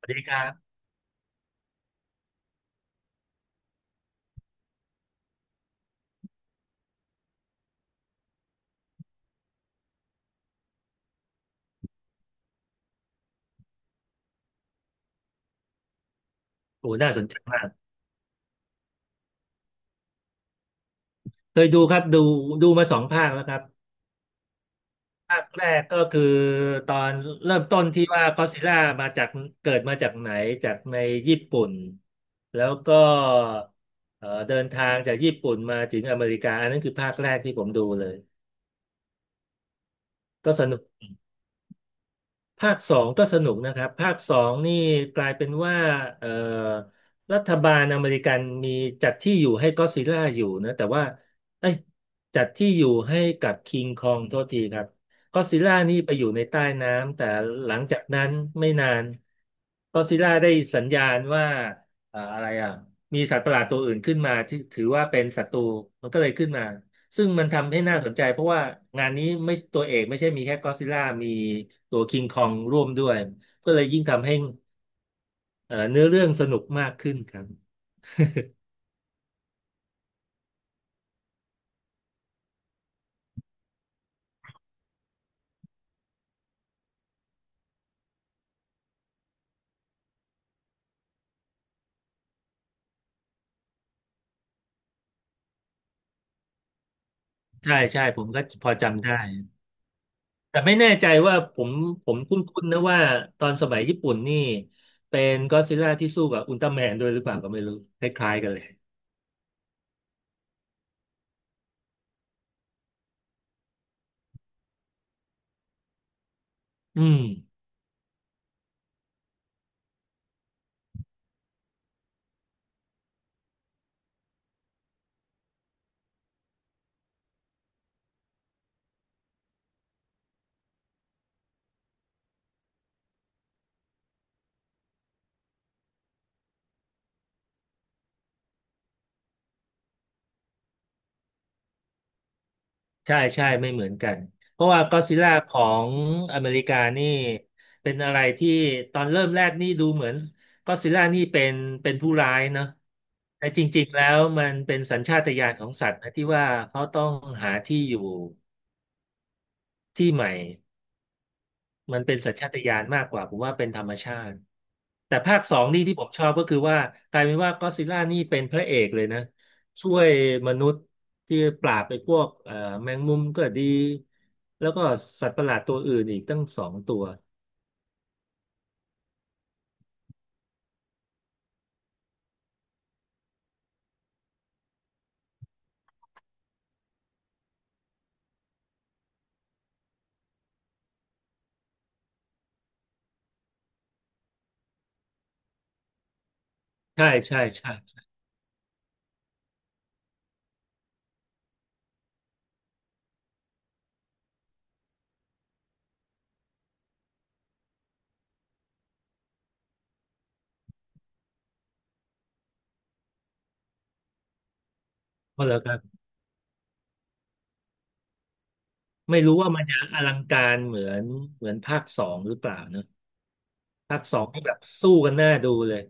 สวัสดีครับโอ้น่าสนใจมากเคยดูครับดูมาสองภาคแล้วครับภาคแรกก็คือตอนเริ่มต้นที่ว่าก็อดซิลล่ามาจากเกิดมาจากไหนจากในญี่ปุ่นแล้วก็เดินทางจากญี่ปุ่นมาถึงอเมริกาอันนั้นคือภาคแรกที่ผมดูเลยก็สนุก ภาคสองก็สนุกนะครับภาคสองนี่กลายเป็นว่าเอ่อรัฐบาลอเมริกันมีจัดที่อยู่ให้ก็อดซิลล่าอยู่นะแต่ว่าเอ้ยจัดที่อยู่ให้กับคิงคองโทษทีครับก็อดซิลล่านี่ไปอยู่ในใต้น้ำแต่หลังจากนั้นไม่นานก็อดซิลล่าได้สัญญาณว่าอะไรอ่ะมีสัตว์ประหลาดตัวอื่นขึ้นมาที่ถือว่าเป็นศัตรูมันก็เลยขึ้นมา ซึ่งมันทำให้น่าสนใจเพราะว่างานนี้ไม่ตัวเอกไม่ใช่มีแค่ก็อดซิลล่ามีตัวคิงคองร่วมด้วยก็เลยยิ่งทำให้เนื้อเรื่องสนุกมากขึ้นครับใช่ใช่ผมก็พอจำได้แต่ไม่แน่ใจว่าผมคุ้นๆนะว่าตอนสมัยญี่ปุ่นนี่เป็นก็อดซิลล่าที่สู้กับอุลตร้าแมนด้วยหรือเปล่าก็ไม่รู้คล้ายๆกันเลยอืม ใช่ใช่ไม่เหมือนกันเพราะว่าก็ d z ซิล่าของอเมริกานี่เป็นอะไรที่ตอนเริ่มแรกนี่ดูเหมือนก็ d z ซิล่านี่เป็นผู้ร้ายเนอะแต่จริงๆแล้วมันเป็นสัญชาตญาณของสัตว์นะที่ว่าเขาต้องหาที่อยู่ที่ใหม่มันเป็นสัญชาตญาณมากกว่าผมว่าเป็นธรรมชาติ แต่ภาคสองนี่ที่ผมชอบก็คือว่ากลายเป็นว่าก็อดซิลล่านี่เป็นพระเอกเลยนะช่วยมนุษย์ที่ปราบไปพวกแมงมุมก็ดีแล้วก็สัตว์ประหลาดตัวอื่นอีกตั้งสองตัวใช่ใช่ใช่เพราะแล้วครับไม่รู้ว่ามันจะอลังการเหมือนเหมือนภาคสองหรือเปล่าเนอะภาคสองนี่แบบสู้กันหน้าดูเลย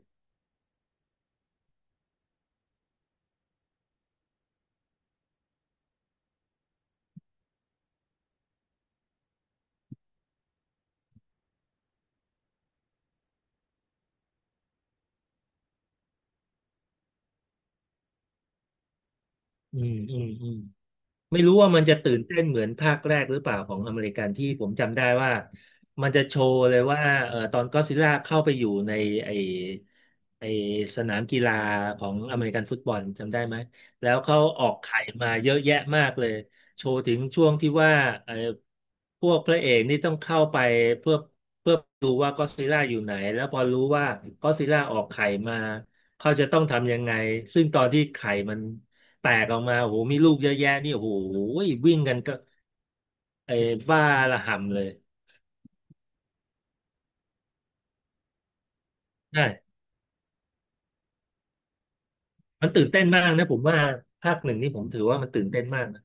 อืมอืมอืม ไม่รู้ว่ามันจะตื่นเต้นเหมือนภาคแรกหรือเปล่าของอเมริกันที่ผมจำได้ว่ามันจะโชว์เลยว่าตอนก็อดซิลล่าเข้าไปอยู่ในไอไอสนามกีฬาของอเมริกันฟุตบอลจำได้ไหมแล้วเขาออกไข่มาเยอะแยะมากเลยโชว์ถึงช่วงที่ว่าเอ่อพวกพระเอกนี่ต้องเข้าไปเพื่อเพื่อดูว่าก็อดซิลล่าอยู่ไหนแล้วพอรู้ว่าก็อดซิลล่าออกไข่มาเขาจะต้องทำยังไงซึ่งตอนที่ไข่มัน แตกออกมาโอ้โหมีลูกเยอะแยะนี่โอ้โหวิ่งกันก็ไอ้บ้าระห่ำเลยใช่มันตื่นเต้นมากนะผมว่าภาคหนึ่งนี่ผมถือว่ามันตื่นเต้นมากนะ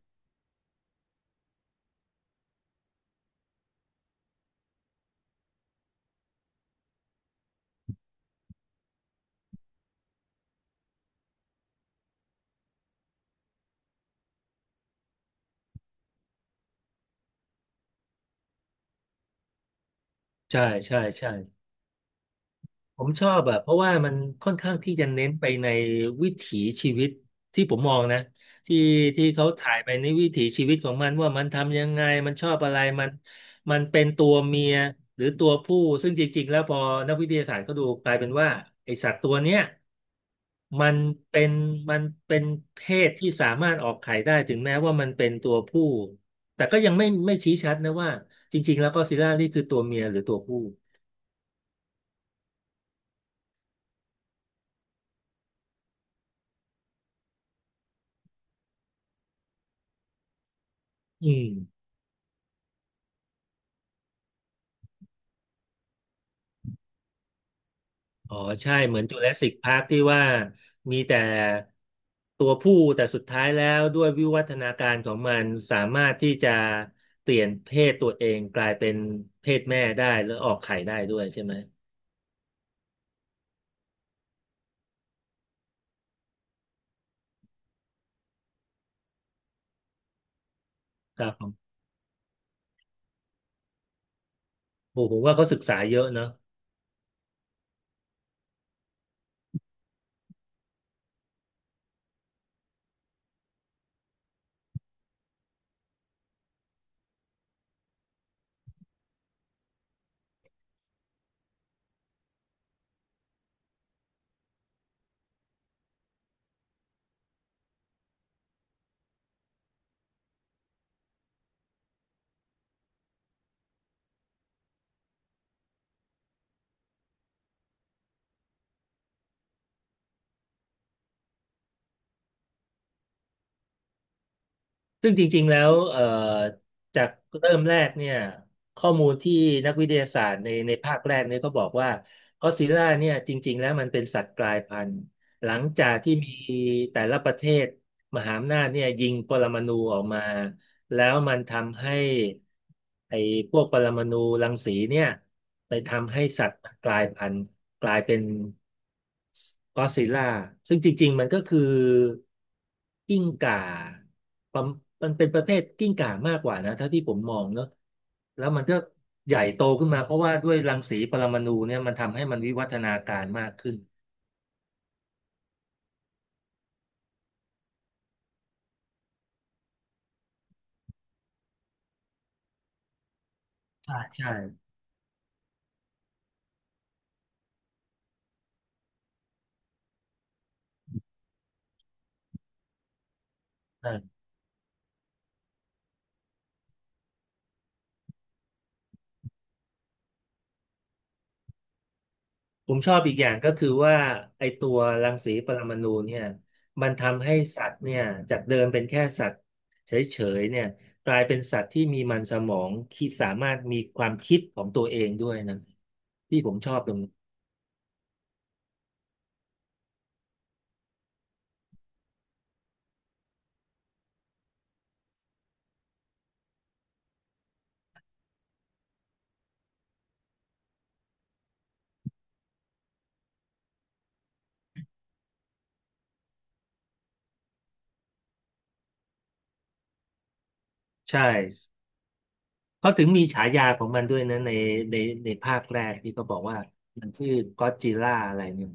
ใช่ใช่ใช่ ผมชอบอะเพราะว่ามันค่อนข้างที่จะเน้นไปในวิถีชีวิตที่ผมมองนะที่ที่เขาถ่ายไปในวิถีชีวิตของมันว่ามันทำยังไงมันชอบอะไรมันมันเป็นตัวเมียหรือตัวผู้ซึ่งจริงๆแล้วพอนักวิทยาศาสตร์เขาดูกลายเป็นว่าไอสัตว์ตัวเนี้ยมันเป็นมันเป็นเพศที่สามารถออกไข่ได้ถึงแม้ว่ามันเป็นตัวผู้แต่ก็ยังไม่ชี้ชัดนะว่าจริงๆแล้วก็ซิลล่านี่คือตัวเมียหรือตัวผู้อืม อ๋อใช่เหมือนจูราสสิกพาร์คที่ว่ามีแต่ตัวผู้แต่สุดท้ายแล้วด้วยวิวัฒนาการของมันสามารถที่จะเปลี่ยนเพศตัวเองกลายเป็นเพศแม่ได้แล้วออกไข่ได้ด้วยใช่ไหมครับผมโอ้ผมว่าเขาศึกษาเยอะเนอะ ซึ่งจริงๆแล้วจากเริ่มแรกเนี่ยข้อมูลที่นักวิทยาศาสตร์ในภาคแรกเนี่ยก็บอกว่าก็อดซิลล่าเนี่ยจริงๆแล้วมันเป็นสัตว์กลายพันธุ์หลังจากที่มีแต่ละประเทศมหาอำนาจเนี่ยยิงปรมาณูออกมาแล้วมันทำให้ไอ้พวกปรมาณูรังสีเนี่ยไปทำให้สัตว์มันกลายพันธุ์กลายเป็น ก็อดซิลล่าซึ่งจริงๆมันก็คือกิ้งก่าประมมันเป็นประเภทกิ้งก่ามากกว่านะเท่าที่ผมมองเนอะแล้วมันก็ใหญ่โตขึ้นมาเพราะว่าด้วยรังสีปรมาณูเนี่ยมันทำให้มันวิวัฒนาการมากขึ้นใช่ใช่เออ ผมชอบอีกอย่างก็คือว่าไอตัวรังสีปรมาณูเนี่ยมันทำให้สัตว์เนี่ยจากเดิมเป็นแค่สัตว์เฉยๆเนี่ยกลายเป็นสัตว์ที่มีมันสมองคิดสามารถมีความคิดของตัวเองด้วยนะที่ผมชอบตรงนี้ใช่เขาถึงมีฉายาของมันด้วยนะในในในภาคแรกที่เขาบอกว่ามันชื่อก็อดจิลล่าอะไรเนี่ย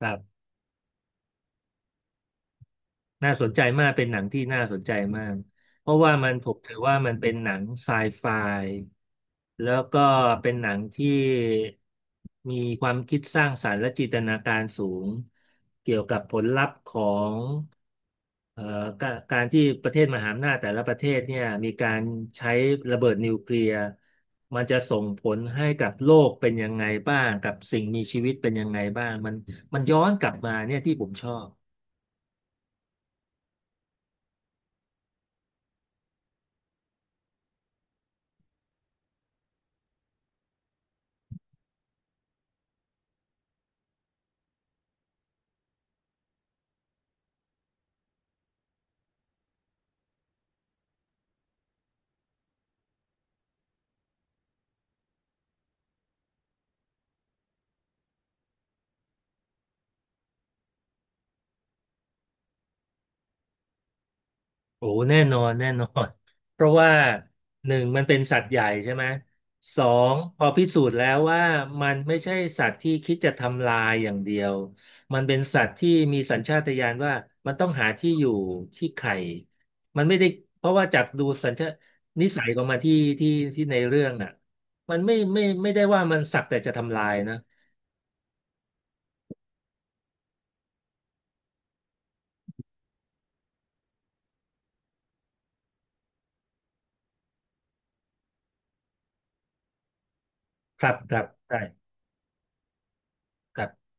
ครับ น่าสนใจมากเป็นหนังที่น่าสนใจมากเพราะว่ามันผมถือว่ามันเป็นหนังไซไฟแล้วก็เป็นหนังที่มีความคิดสร้างสรรค์และจินตนาการสูงเกี่ยวกับผลลัพธ์ของเอ่อการที่ประเทศมหาอำนาจแต่ละประเทศเนี่ยมีการใช้ระเบิดนิวเคลียร์มันจะส่งผลให้กับโลกเป็นยังไงบ้างกับสิ่งมีชีวิตเป็นยังไงบ้างมันมันย้อนกลับมาเนี่ยที่ผมชอบ โอ้แน่นอนแน่นอน เพราะว่าหนึ่งมันเป็นสัตว์ใหญ่ใช่ไหมสองพอพิสูจน์แล้วว่ามันไม่ใช่สัตว์ที่คิดจะทำลายอย่างเดียวมันเป็นสัตว์ที่มีสัญชาตญาณว่ามันต้องหาที่อยู่ที่ไข่มันไม่ได้เพราะว่าจากดูสัญชานิสัยของมันที่ที่ในเรื่องอ่ะมันไม่ได้ว่ามันสักแต่จะทำลายนะครับครับใช่ครับ